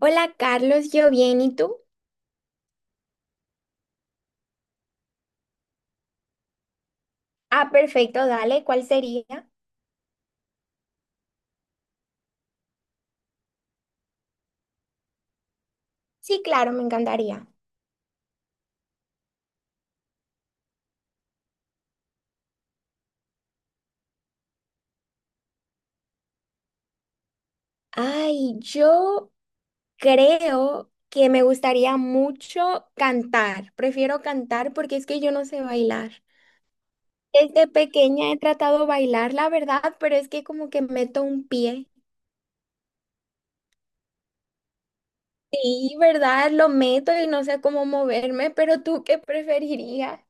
Hola Carlos, yo bien, ¿y tú? Ah, perfecto, dale, ¿cuál sería? Sí, claro, me encantaría. Ay, yo creo que me gustaría mucho cantar. Prefiero cantar porque es que yo no sé bailar. Desde pequeña he tratado de bailar, la verdad, pero es que como que meto un pie. Sí, ¿verdad? Lo meto y no sé cómo moverme, pero ¿tú qué preferirías?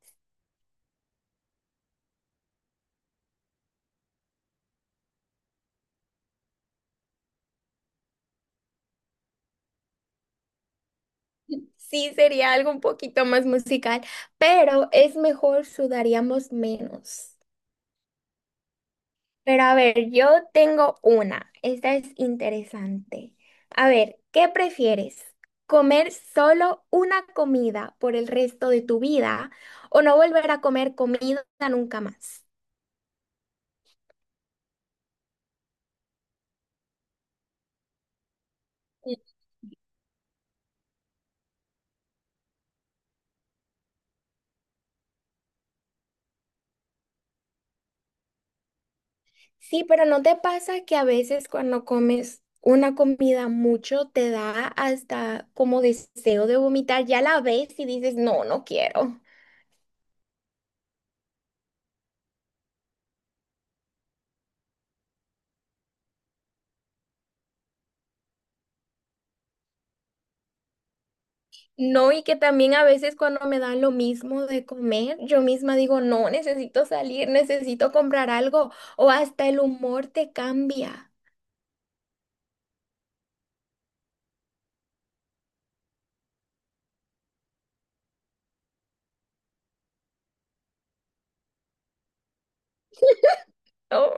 Sí, sería algo un poquito más musical, pero es mejor, sudaríamos menos. Pero a ver, yo tengo una. Esta es interesante. A ver, ¿qué prefieres? ¿Comer solo una comida por el resto de tu vida o no volver a comer comida nunca más? Sí, pero ¿no te pasa que a veces cuando comes una comida mucho te da hasta como deseo de vomitar? Ya la ves y dices, no, no quiero. No, y que también a veces cuando me dan lo mismo de comer, yo misma digo, no, necesito salir, necesito comprar algo, o hasta el humor te cambia. Oh,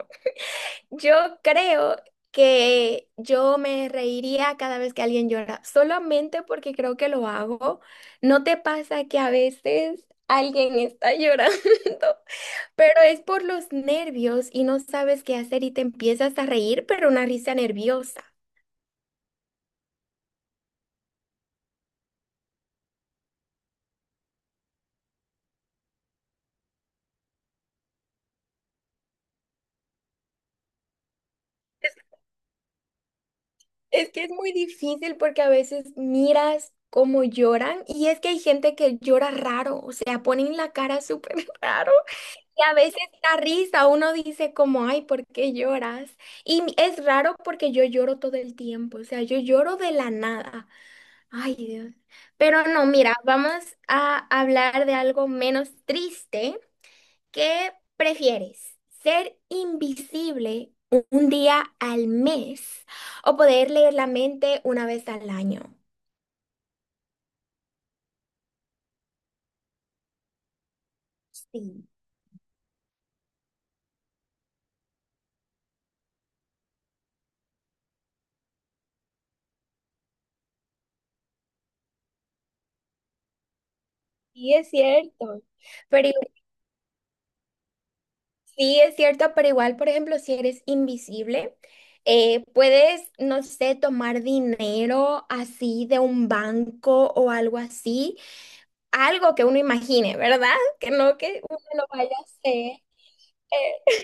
yo creo que yo me reiría cada vez que alguien llora, solamente porque creo que lo hago. ¿No te pasa que a veces alguien está llorando, pero es por los nervios y no sabes qué hacer y te empiezas a reír, pero una risa nerviosa? Es que es muy difícil porque a veces miras cómo lloran y es que hay gente que llora raro, o sea, ponen la cara súper raro y a veces da risa, uno dice como, ay, ¿por qué lloras? Es raro porque yo lloro todo el tiempo, o sea, yo lloro de la nada, ay Dios. Pero no, mira, vamos a hablar de algo menos triste. ¿Qué prefieres? ¿Ser invisible un día al mes o poder leer la mente una vez al año? Sí, sí es cierto. Pero igu- sí es cierto, pero igual, por ejemplo, si eres invisible, puedes, no sé, tomar dinero así de un banco o algo así, algo que uno imagine, ¿verdad? Que no que uno lo vaya a hacer. eh,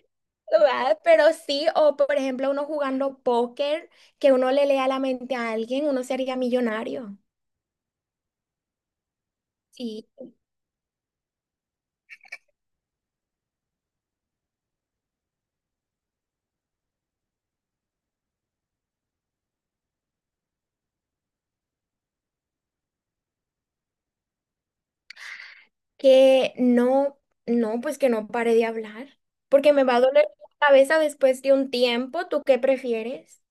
¿Verdad? Pero sí, o por ejemplo, uno jugando póker, que uno le lea la mente a alguien, uno sería millonario. Sí. Que no, no, pues que no pare de hablar, porque me va a doler la cabeza después de un tiempo. ¿Tú qué prefieres?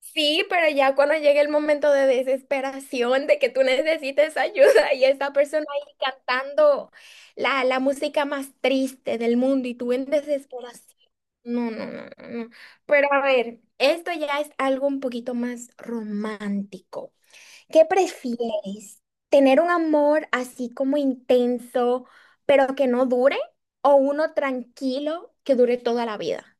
Sí, pero ya cuando llegue el momento de desesperación, de que tú necesites ayuda y esta persona ahí cantando la música más triste del mundo y tú en desesperación. No, no, no, no, no. Pero a ver, esto ya es algo un poquito más romántico. ¿Qué prefieres? ¿Tener un amor así como intenso, pero que no dure? ¿O uno tranquilo que dure toda la vida?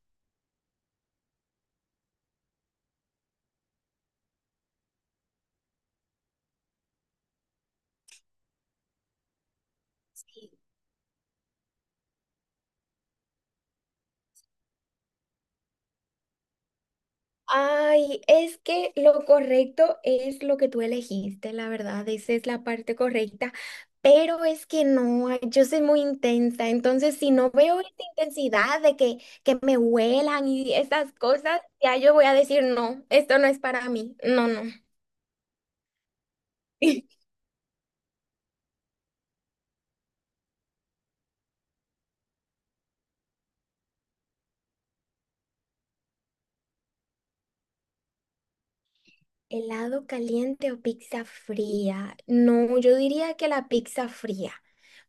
Ay, es que lo correcto es lo que tú elegiste, la verdad, esa es la parte correcta, pero es que no, ay, yo soy muy intensa, entonces si no veo esta intensidad de que me huelan y esas cosas, ya yo voy a decir, no, esto no es para mí, no, no. ¿Helado caliente o pizza fría? No, yo diría que la pizza fría.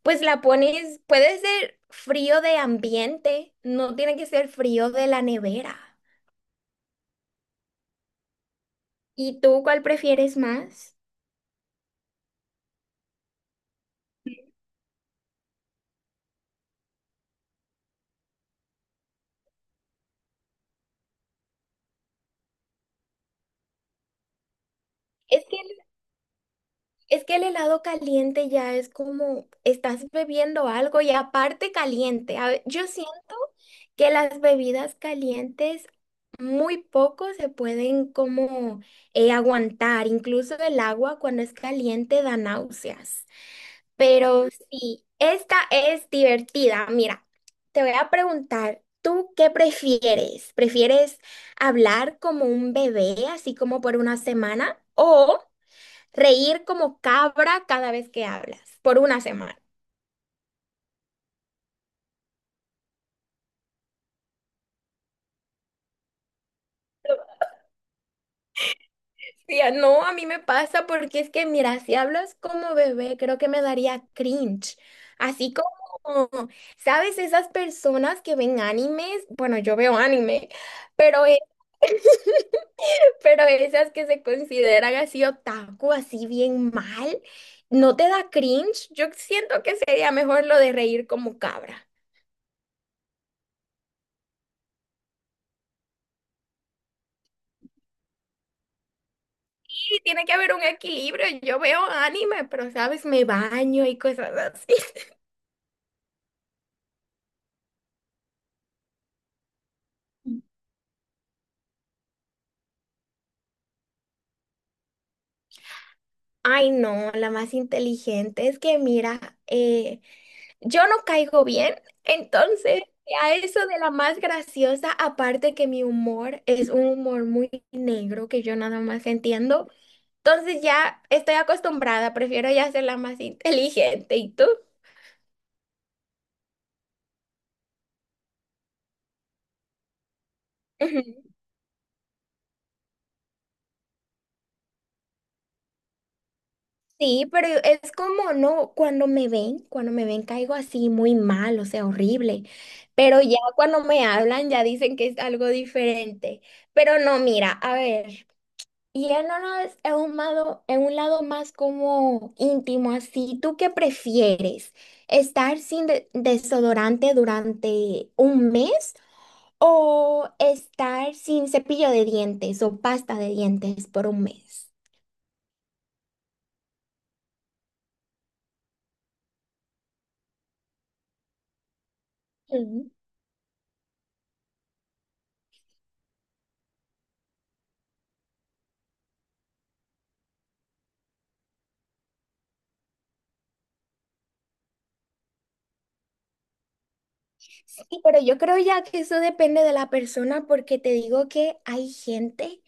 Pues la pones, puede ser frío de ambiente, no tiene que ser frío de la nevera. ¿Y tú cuál prefieres más? Es que, el- es que el helado caliente ya es como estás bebiendo algo y aparte caliente. Yo siento que las bebidas calientes muy poco se pueden como aguantar. Incluso el agua cuando es caliente da náuseas. Pero sí, esta es divertida. Mira, te voy a preguntar, ¿tú qué prefieres? ¿Prefieres hablar como un bebé, así como por una semana, o reír como cabra cada vez que hablas, por una semana? Tía, no, a mí me pasa porque es que, mira, si hablas como bebé, creo que me daría cringe. Así como, ¿sabes? Esas personas que ven animes, bueno, yo veo anime, pero, e- pero esas que se consideran así otaku, así bien mal, ¿no te da cringe? Yo siento que sería mejor lo de reír como cabra. Sí, tiene que haber un equilibrio. Yo veo anime, pero, ¿sabes? Me baño y cosas así. Ay, no, la más inteligente. Es que mira, yo no caigo bien, entonces a eso de la más graciosa, aparte que mi humor es un humor muy negro que yo nada más entiendo, entonces ya estoy acostumbrada, prefiero ya ser la más inteligente. ¿Y tú? Ujú. Sí, pero es como, no, cuando me ven caigo así muy mal, o sea, horrible, pero ya cuando me hablan ya dicen que es algo diferente. Pero no, mira, a ver. Y en uno es un lado, en un lado más como íntimo, así. ¿Tú qué prefieres? ¿Estar sin desodorante durante un mes o estar sin cepillo de dientes o pasta de dientes por un mes? Mm. Sí, pero yo creo ya que eso depende de la persona porque te digo que hay gente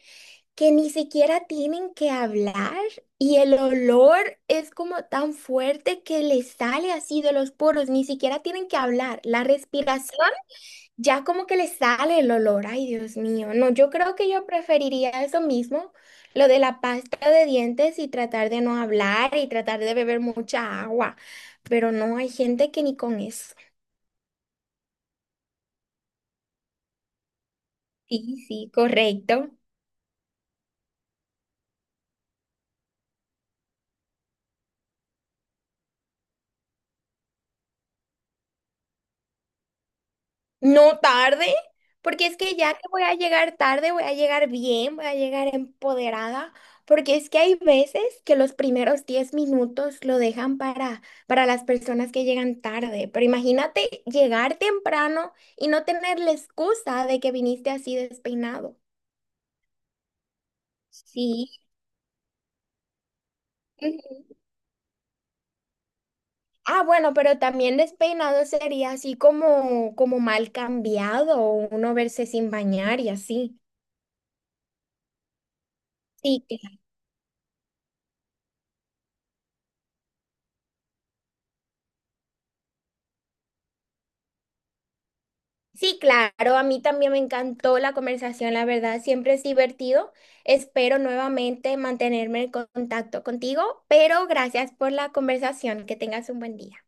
que ni siquiera tienen que hablar y el olor es como tan fuerte que les sale así de los poros, ni siquiera tienen que hablar. La respiración ya como que les sale el olor. Ay, Dios mío. No, yo creo que yo preferiría eso mismo, lo de la pasta de dientes y tratar de no hablar y tratar de beber mucha agua. Pero no, hay gente que ni con eso. Sí, sí, correcto. No tarde, porque es que ya que voy a llegar tarde, voy a llegar bien, voy a llegar empoderada, porque es que hay veces que los primeros 10 minutos lo dejan para las personas que llegan tarde, pero imagínate llegar temprano y no tener la excusa de que viniste así despeinado. Sí. Ujú. Ah, bueno, pero también despeinado sería así como, como mal cambiado, o uno verse sin bañar y así. Sí, sí, claro, a mí también me encantó la conversación, la verdad, siempre es divertido. Espero nuevamente mantenerme en contacto contigo, pero gracias por la conversación, que tengas un buen día.